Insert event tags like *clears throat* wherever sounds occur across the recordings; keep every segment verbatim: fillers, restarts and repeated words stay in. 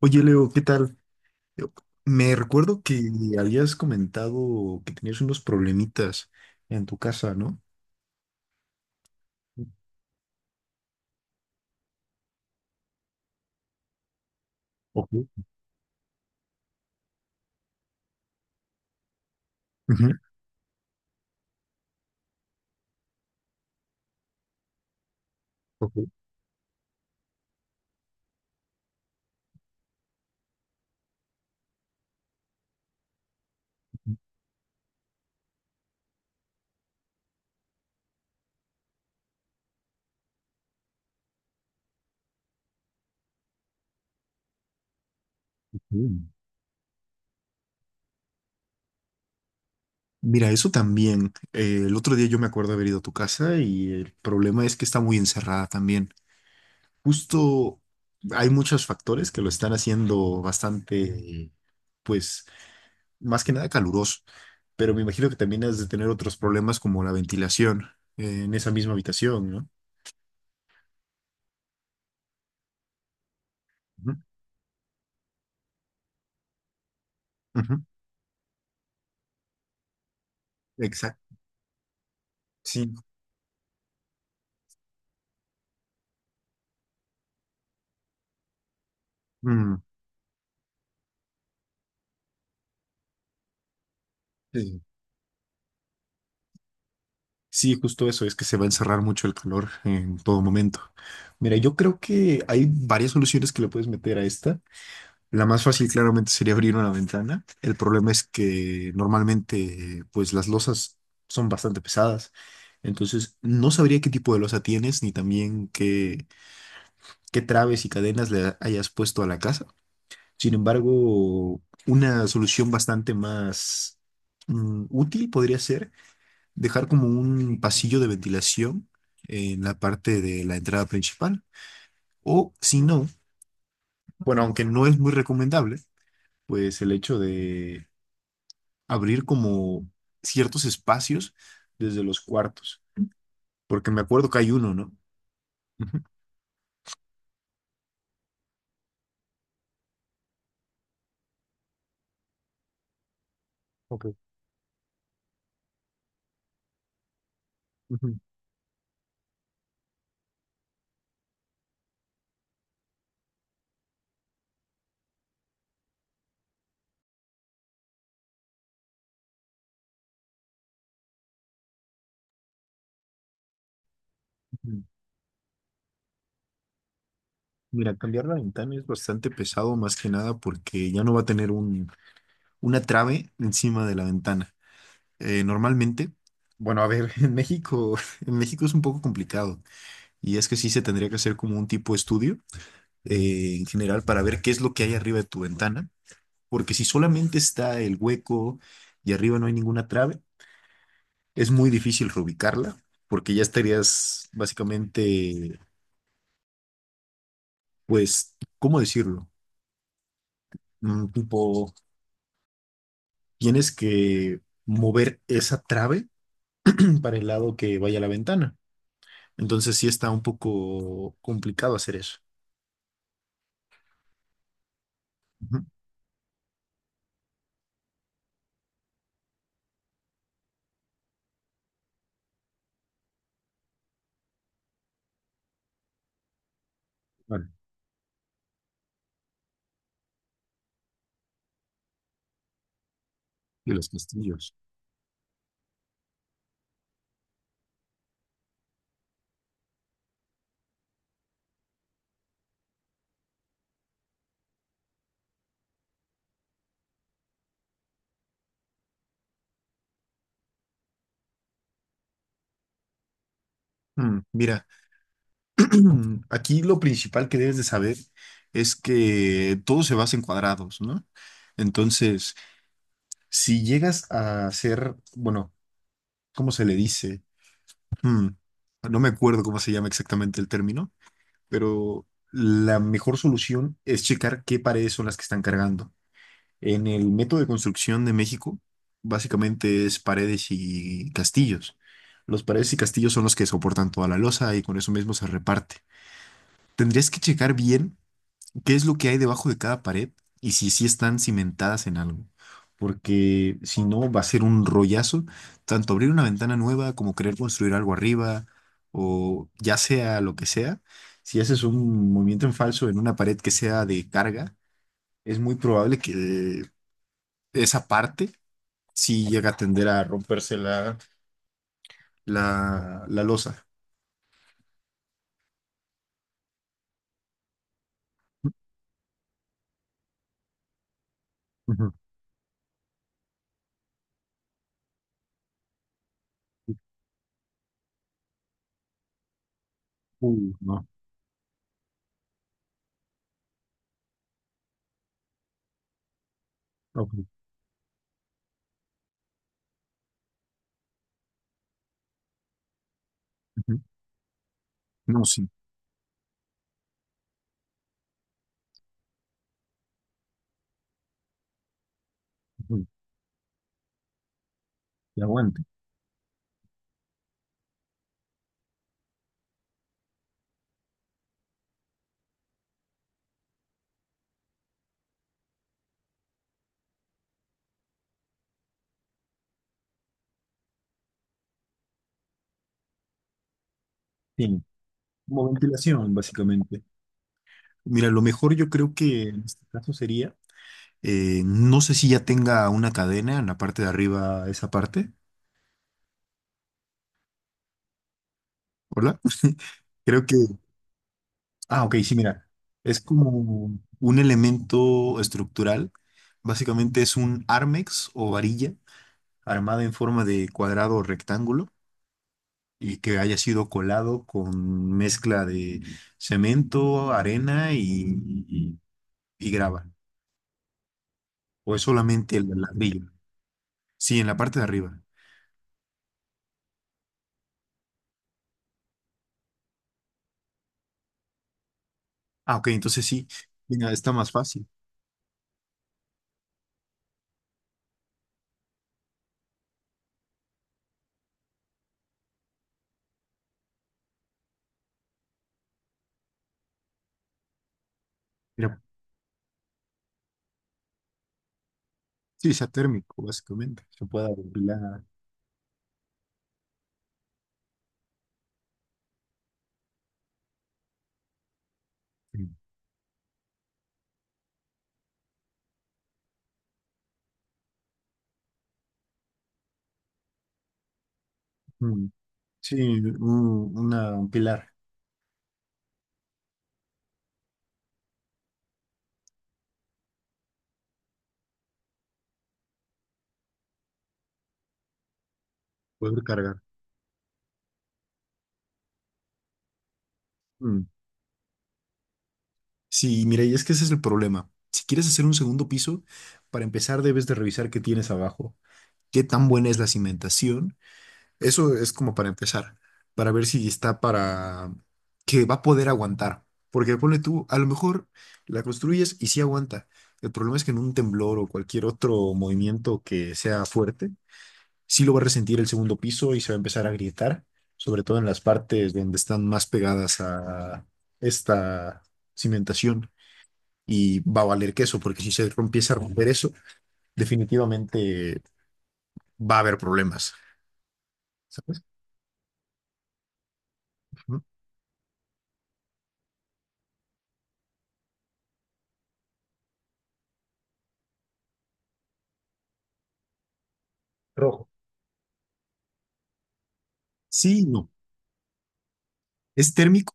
Oye, Leo, ¿qué tal? Yo- Me recuerdo que habías comentado que tenías unos problemitas en tu casa, ¿no? Ok, ujú, ok, ujú. Mira, eso también. Eh, el otro día yo me acuerdo haber ido a tu casa y el problema es que está muy encerrada también. Justo hay muchos factores que lo están haciendo bastante, pues, más que nada caluroso, pero me imagino que también has de tener otros problemas como la ventilación eh, en esa misma habitación, ¿no? Ujú, ujú. Exacto. Sí, mm, eh, sí, justo eso, es que se va a encerrar mucho el calor en todo momento. Mira, yo creo que hay varias soluciones que le puedes meter a esta. La más fácil claramente sería abrir una ventana. El problema es que normalmente pues las losas son bastante pesadas. Entonces, no sabría qué tipo de losa tienes ni también qué, qué traves y cadenas le hayas puesto a la casa. Sin embargo, una solución bastante más mm, útil podría ser dejar como un pasillo de ventilación en la parte de la entrada principal. O si no, bueno, aunque no es muy recomendable, pues el hecho de abrir como ciertos espacios desde los cuartos, porque me acuerdo que hay uno, ¿no? Ujú. Ok. Ujú, ujú. Mira, cambiar la ventana es bastante pesado, más que nada porque ya no va a tener un, una trave encima de la ventana. Eh, normalmente, bueno, a ver, *laughs* en México, en México es un poco complicado. Y es que sí se tendría que hacer como un tipo de estudio eh, en general para ver qué es lo que hay arriba de tu ventana, porque si solamente está el hueco y arriba no hay ninguna trave, es muy difícil reubicarla, porque ya estarías básicamente, pues, ¿cómo decirlo? Mm, tipo, tienes que mover esa trave *clears throat* para el lado que vaya la ventana. Entonces sí está un poco complicado hacer eso. Ujú. Vale. Y los castillos. Mm, mira. *clears throat* Aquí lo principal que debes de saber es que todo se basa en cuadrados, ¿no? Entonces, si llegas a hacer, bueno, ¿cómo se le dice? Hmm, no me acuerdo cómo se llama exactamente el término, pero la mejor solución es checar qué paredes son las que están cargando. En el método de construcción de México, básicamente es paredes y castillos. Los paredes y castillos son los que soportan toda la losa y con eso mismo se reparte. Tendrías que checar bien. Qué es lo que hay debajo de cada pared y si sí están cimentadas en algo. Porque si no, va a ser un rollazo, tanto abrir una ventana nueva como querer construir algo arriba o ya sea lo que sea. Si haces un movimiento en falso en una pared que sea de carga, es muy probable que esa parte sí llegue a tender a romperse la, la, la losa. Ujú. No, sí, uy, que aguante. Tiene como ventilación, básicamente. Mira, lo mejor yo creo que en este caso sería, eh, no sé si ya tenga una cadena en la parte de arriba, esa parte. Hola. Creo que, ah, ok, sí, mira, es como un elemento estructural. Básicamente es un armex o varilla armada en forma de cuadrado o rectángulo y que haya sido colado con mezcla de cemento, arena y, y- y grava. O es solamente el ladrillo. Sí, en la parte de arriba. Ah, ok, entonces sí, venga, está más fácil. Mira, sí, sea térmico, básicamente. Se puede apilar. mm, mm, Sí, un, una, un pilar. Puede cargar. Mm. Sí, mira, y es que ese es el problema. Si quieres hacer un segundo piso, para empezar debes de revisar qué tienes abajo, qué tan buena es la cimentación. Eso es como para empezar, para ver si está para que va a poder aguantar. Porque ponle tú, a lo mejor la construyes y sí aguanta. El problema es que en un temblor o cualquier otro movimiento que sea fuerte, sí lo va a resentir el segundo piso y se va a empezar a grietar, sobre todo en las partes donde están más pegadas a esta cimentación. Y va a valer queso, porque si se empieza a romper eso, definitivamente va a haber problemas, ¿sabes? Ujú. Rojo. Sí, no. Es térmico,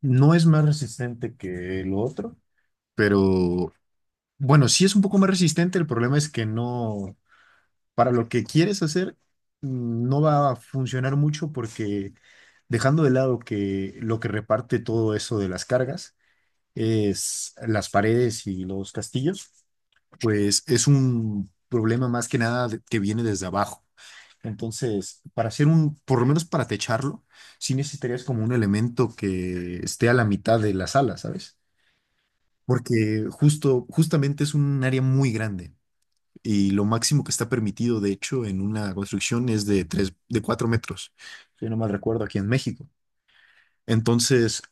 no es más resistente que lo otro, pero bueno, sí es un poco más resistente. El problema es que no, para lo que quieres hacer, mm, no va a funcionar mucho porque dejando de lado que lo que reparte todo eso de las cargas es las paredes y los castillos, pues es un problema más que nada de- que viene desde abajo. Entonces, para hacer un, por lo menos para techarlo, sí necesitarías como un elemento que esté a la mitad de la sala, ¿sabes? Porque justo, justamente es un área muy grande y lo máximo que está permitido, de hecho, en una construcción es de tres, de cuatro metros, si no mal recuerdo, aquí en México. Entonces,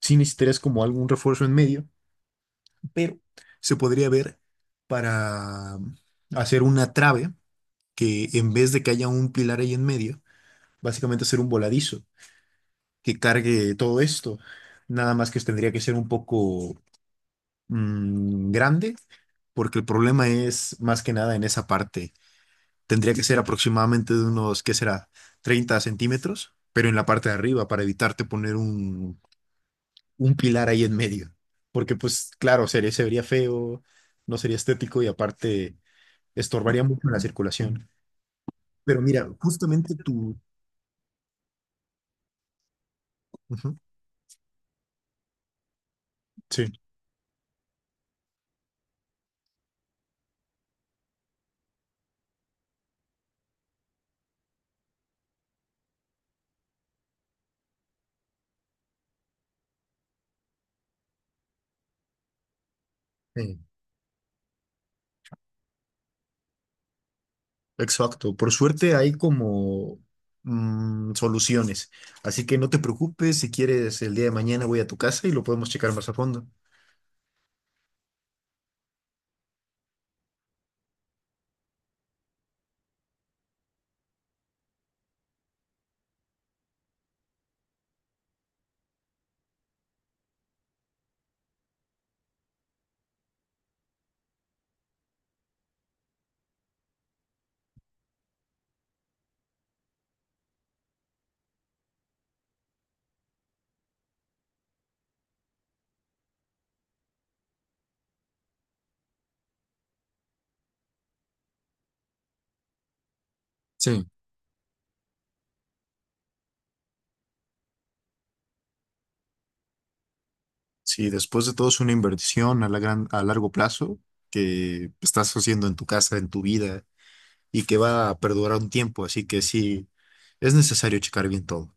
sí necesitarías como algún refuerzo en medio, pero se podría ver para hacer una trave que en vez de que haya un pilar ahí en medio, básicamente hacer un voladizo que cargue todo esto. Nada más que tendría que ser un poco mm, grande, porque el problema es más que nada en esa parte. Tendría que ser aproximadamente de unos, ¿qué será? Treinta centímetros, pero en la parte de arriba para evitarte poner un, un pilar ahí en medio. Porque pues claro, sería, se vería feo, no sería estético y aparte estorbaría mucho la circulación. Pero mira, justamente tú... Ujú. Sí. Exacto, por suerte hay como mm, soluciones, así que no te preocupes, si quieres el día de mañana voy a tu casa y lo podemos checar más a fondo. Sí, sí, después de todo es una inversión a la gran- a largo plazo que estás haciendo en tu casa, en tu vida y que va a perdurar un tiempo, así que sí, es necesario checar bien todo.